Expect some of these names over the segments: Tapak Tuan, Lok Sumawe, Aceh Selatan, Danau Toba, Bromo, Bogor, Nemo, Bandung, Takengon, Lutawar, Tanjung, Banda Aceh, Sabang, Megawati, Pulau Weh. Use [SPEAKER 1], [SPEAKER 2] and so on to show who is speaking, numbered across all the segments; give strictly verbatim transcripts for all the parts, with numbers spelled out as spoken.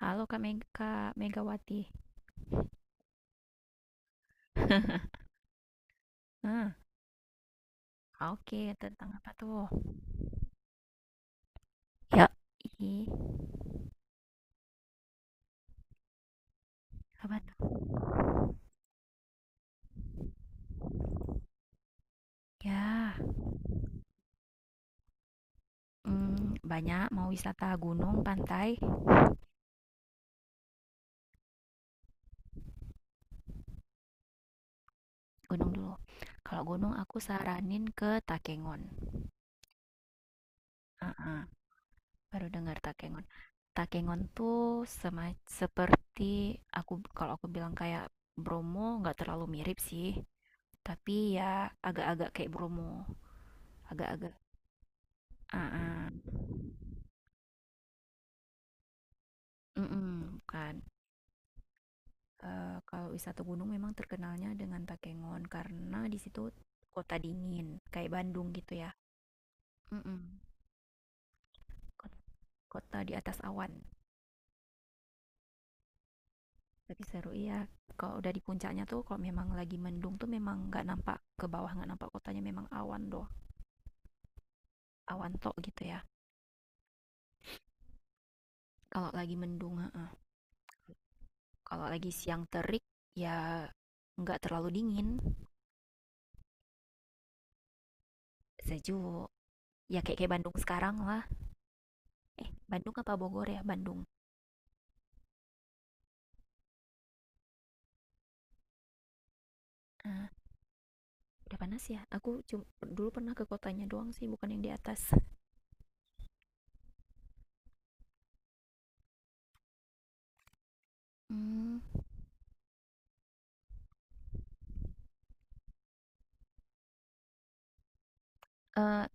[SPEAKER 1] Halo Kak Meg Kak Megawati. Hmm. Oke, tentang apa tuh? Ya. Ih. Apa tuh? Ya, mm, banyak mau wisata gunung, pantai, gunung dulu. Kalau gunung aku saranin ke Takengon. Baru dengar Takengon. Takengon tuh sema seperti aku kalau aku bilang kayak Bromo nggak terlalu mirip sih, tapi ya agak-agak kayak Bromo, agak-agak. Ah, ah. Mm-mm, bukan. Eh, kalau wisata gunung memang terkenalnya dengan Takengon karena di situ kota dingin, kayak Bandung gitu ya. Mm-mm. Kot- Kota di atas awan, lebih seru iya. Kalau udah di puncaknya tuh, kalau memang lagi mendung tuh memang nggak nampak ke bawah, nggak nampak kotanya, memang awan doh, awan tok gitu ya. Kalau lagi mendung, heeh. Kalau lagi siang terik, ya nggak terlalu dingin, sejuk. Ya kayak kayak Bandung sekarang lah. Eh, Bandung apa Bogor ya? Bandung. Eh, udah panas ya aku cum- dulu pernah ke kotanya doang sih bukan yang di atas. Hmm, eh,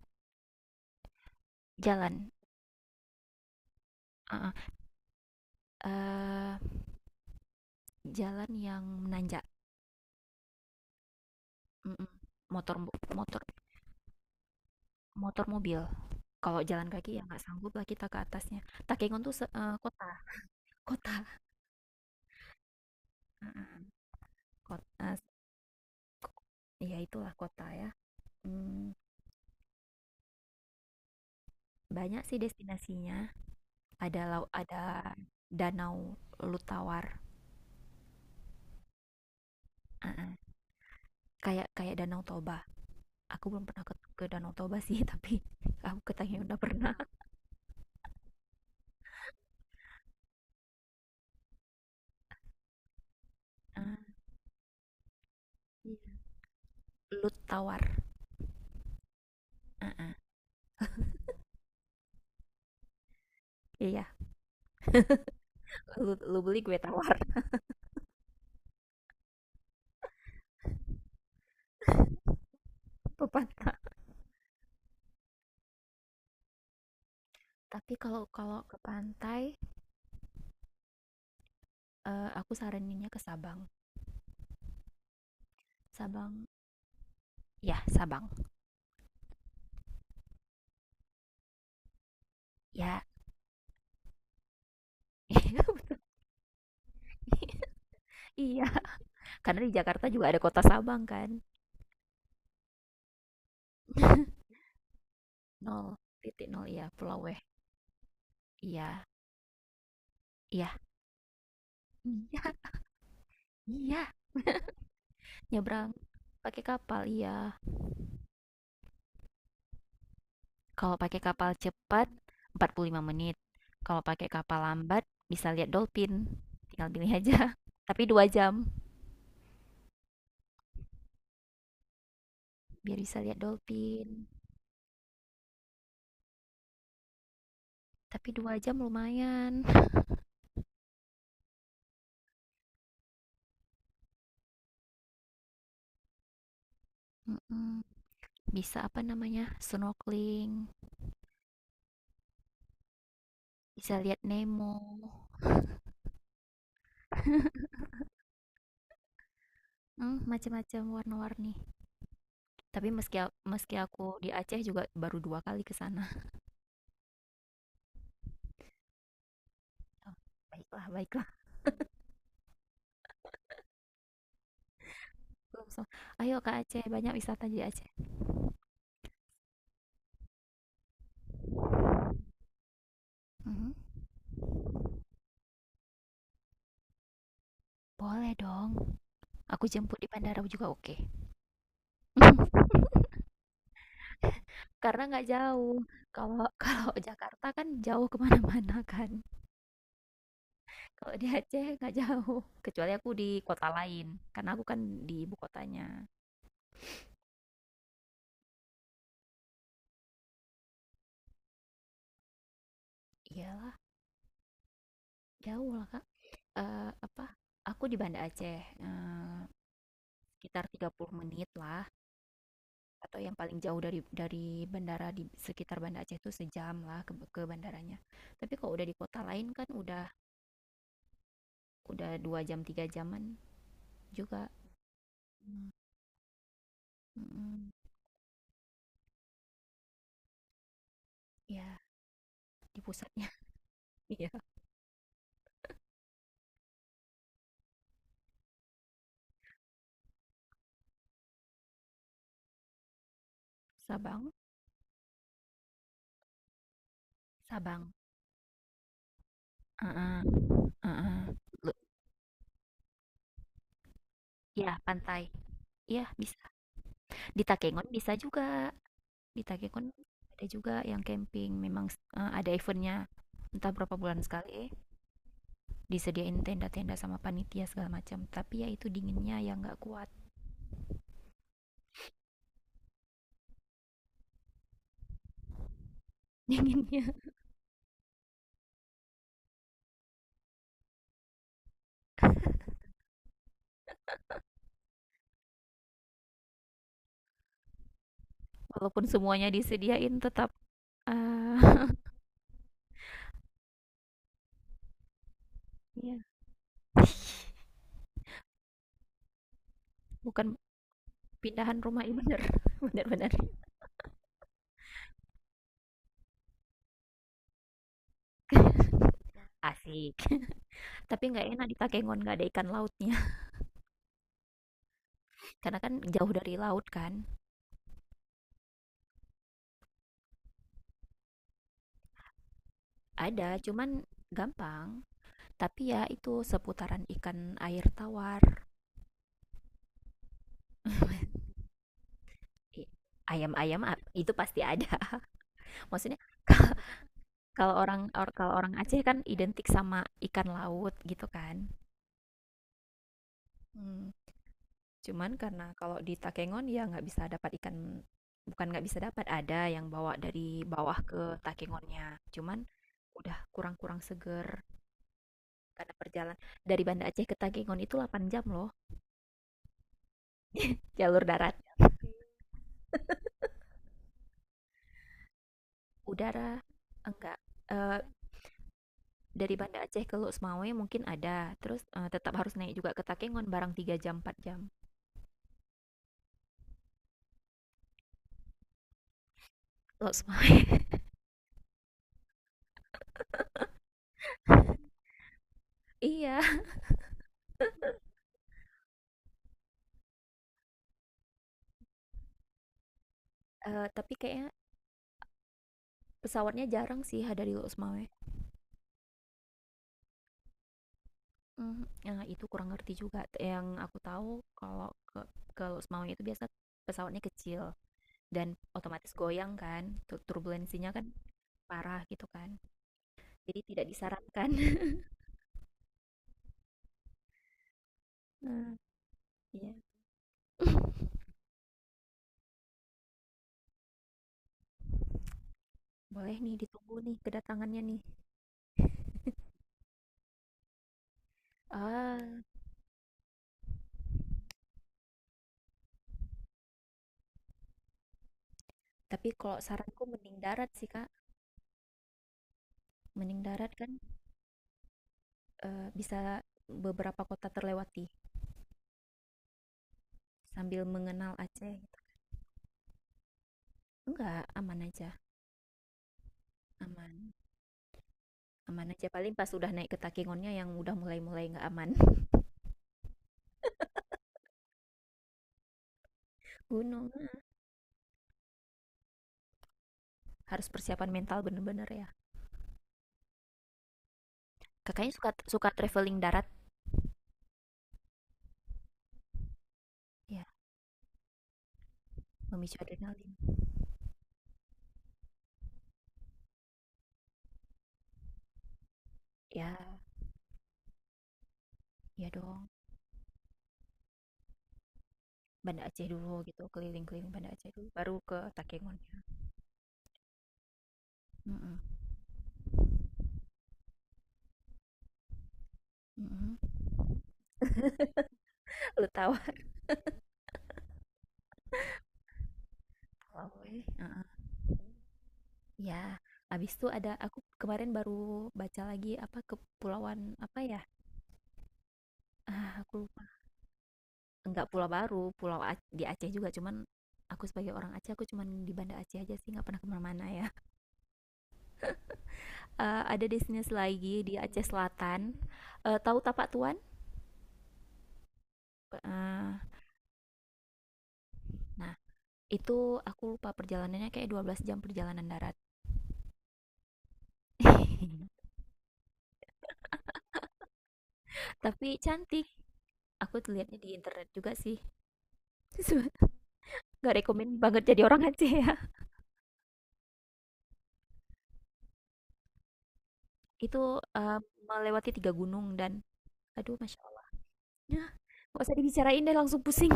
[SPEAKER 1] jalan. Ah, ah. Eh, jalan yang menanjak. Mm-mm. motor motor motor mobil kalau jalan kaki ya nggak sanggup lah kita ke atasnya. Takengon tuh se- eh, kota kota uh, kota ya itulah kota ya. Mm, banyak sih destinasinya, ada laut, ada danau Lutawar. Ah, ah. kayak kayak danau Toba. Aku belum pernah ke, ke Danau Toba sih, tapi aku ke Tanjung udah pernah. Ah, iya. Lu tawar. Ah, ah. Iya. Lu, lu beli, gue tawar. ke pantai, tapi kalau kalau ke pantai, eh, aku saraninnya ke Sabang. Sabang, ya Sabang ya. iya. Karena di Jakarta juga ada kota Sabang kan. nol, titik nol, iya, Pulau Weh. Iya, iya, iya, iya. Nyebrang. Pakai kapal, iya. Kalau pakai kapal cepat empat puluh lima menit. Kalau pakai kapal lambat bisa lihat dolphin. Tinggal pilih aja. Tapi dua jam biar bisa lihat dolphin. Tapi dua jam lumayan. Mm-mm. Bisa apa namanya? Snorkeling. Bisa lihat Nemo. Hmm, macam-macam warna-warni. Tapi meski a- meski aku di Aceh juga baru dua kali ke sana. Oh, baiklah, baiklah. Belum sem- Ayo ke Aceh, banyak wisata di Aceh. Mhm. Boleh dong. Aku jemput di bandara juga oke. Karena nggak jauh. Kalau kalau Jakarta kan jauh kemana mana kan. Kalau di Aceh nggak jauh. Kecuali aku di kota lain. Karena aku kan di ibu kotanya. Iyalah, jauh lah Kak. Eh, apa? Aku di Banda Aceh. Eh, sekitar tiga puluh menit lah. Atau yang paling jauh dari dari bandara di sekitar Banda Aceh itu sejam lah ke, ke bandaranya. Tapi kalau udah di kota lain kan udah udah dua jam tiga jaman juga. Hmm. Mm-mm. Ya, di pusatnya. Iya, Sabang. Sabang. Heeh, heeh. Lu. Ya, pantai. Iya, bisa. Di Takengon bisa juga. Di Takengon ada juga yang camping. Memang s eh, ada eventnya. Entah berapa bulan sekali, eh, disediain tenda-tenda sama panitia segala macam. Tapi ya itu dinginnya yang nggak kuat. Dinginnya. Walaupun semuanya disediain tetap, eee, iya, bukan pindahan rumah ini bener, bener bener. Asik. Tapi nggak enak di Takengon, nggak ada ikan lautnya. Karena kan jauh dari laut kan. Ada, cuman gampang. Tapi ya itu seputaran ikan air tawar. I- Ayam-ayam a- itu pasti ada. Maksudnya kalau orang or- kalau orang Aceh kan identik sama ikan laut gitu kan. Hmm. Cuman karena kalau di Takengon ya nggak bisa dapat ikan, bukan nggak bisa dapat, ada yang bawa dari bawah ke Takengonnya. Cuman udah kurang-kurang seger karena perjalanan dari Banda Aceh ke Takengon itu delapan jam loh, jalur darat. Udara enggak. eh, Dari Banda Aceh ke Lok Sumawe mungkin ada, terus, eee, tetap harus naik juga ke Takengon barang tiga jam, empat jam. Lok Sumawe. iya, eee, tapi kayaknya pesawatnya jarang sih ha dari Lok Sumawe. Mhm, nah itu kurang ngerti juga, yang aku tahu kalau ke ke Lok Sumawe itu biasa pesawatnya kecil dan otomatis goyang kan, tu turbulensinya kan parah gitu kan, jadi tidak disarankan. Nah, iya. Boleh nih, ditunggu nih kedatangannya nih. Ah. Tapi kalau saranku mending darat sih, Kak. Mending darat kan, eh, bisa beberapa kota terlewati sambil mengenal Aceh gitu. Enggak, aman aja. Aman. Aman aja. Paling pas udah naik ke Takengonnya yang udah mulai-mulai nggak aman. Gunung. Harus persiapan mental bener-bener ya. Kakaknya suka suka traveling darat? Ya, memicu adrenalin. Ya, ya dong. Banda Aceh dulu gitu, keliling-keliling Banda Aceh dulu, baru ke Takengonnya. Mm-mm. Mm-mm. Lu tahu? Tahu, eh. Ya, abis itu ada, aku kemarin baru baca lagi, apa kepulauan apa ya? Ah, aku lupa. Enggak pulau baru, pulau Ac- di Aceh juga, cuman aku sebagai orang Aceh aku cuman di Banda Aceh aja sih nggak pernah kemana-mana ya. Eh, ada destinasi lagi di Aceh Selatan. Eh, tahu Tapak Tuan? Eh, nah, itu aku lupa perjalanannya kayak dua belas jam perjalanan darat. Tapi cantik. Aku lihatnya di internet juga sih. Gak rekomen banget jadi orang Aceh ya. Itu, eee, melewati tiga gunung dan aduh Masya Allah. Yah, nggak usah dibicarain deh, langsung pusing.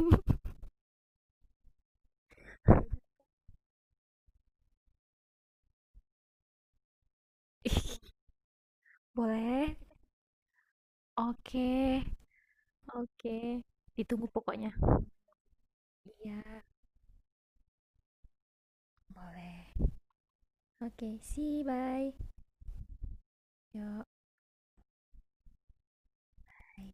[SPEAKER 1] Ih. Boleh? Oke, oke. Ditunggu pokoknya. Iya, boleh. Oke, see you, bye. Yok, bye.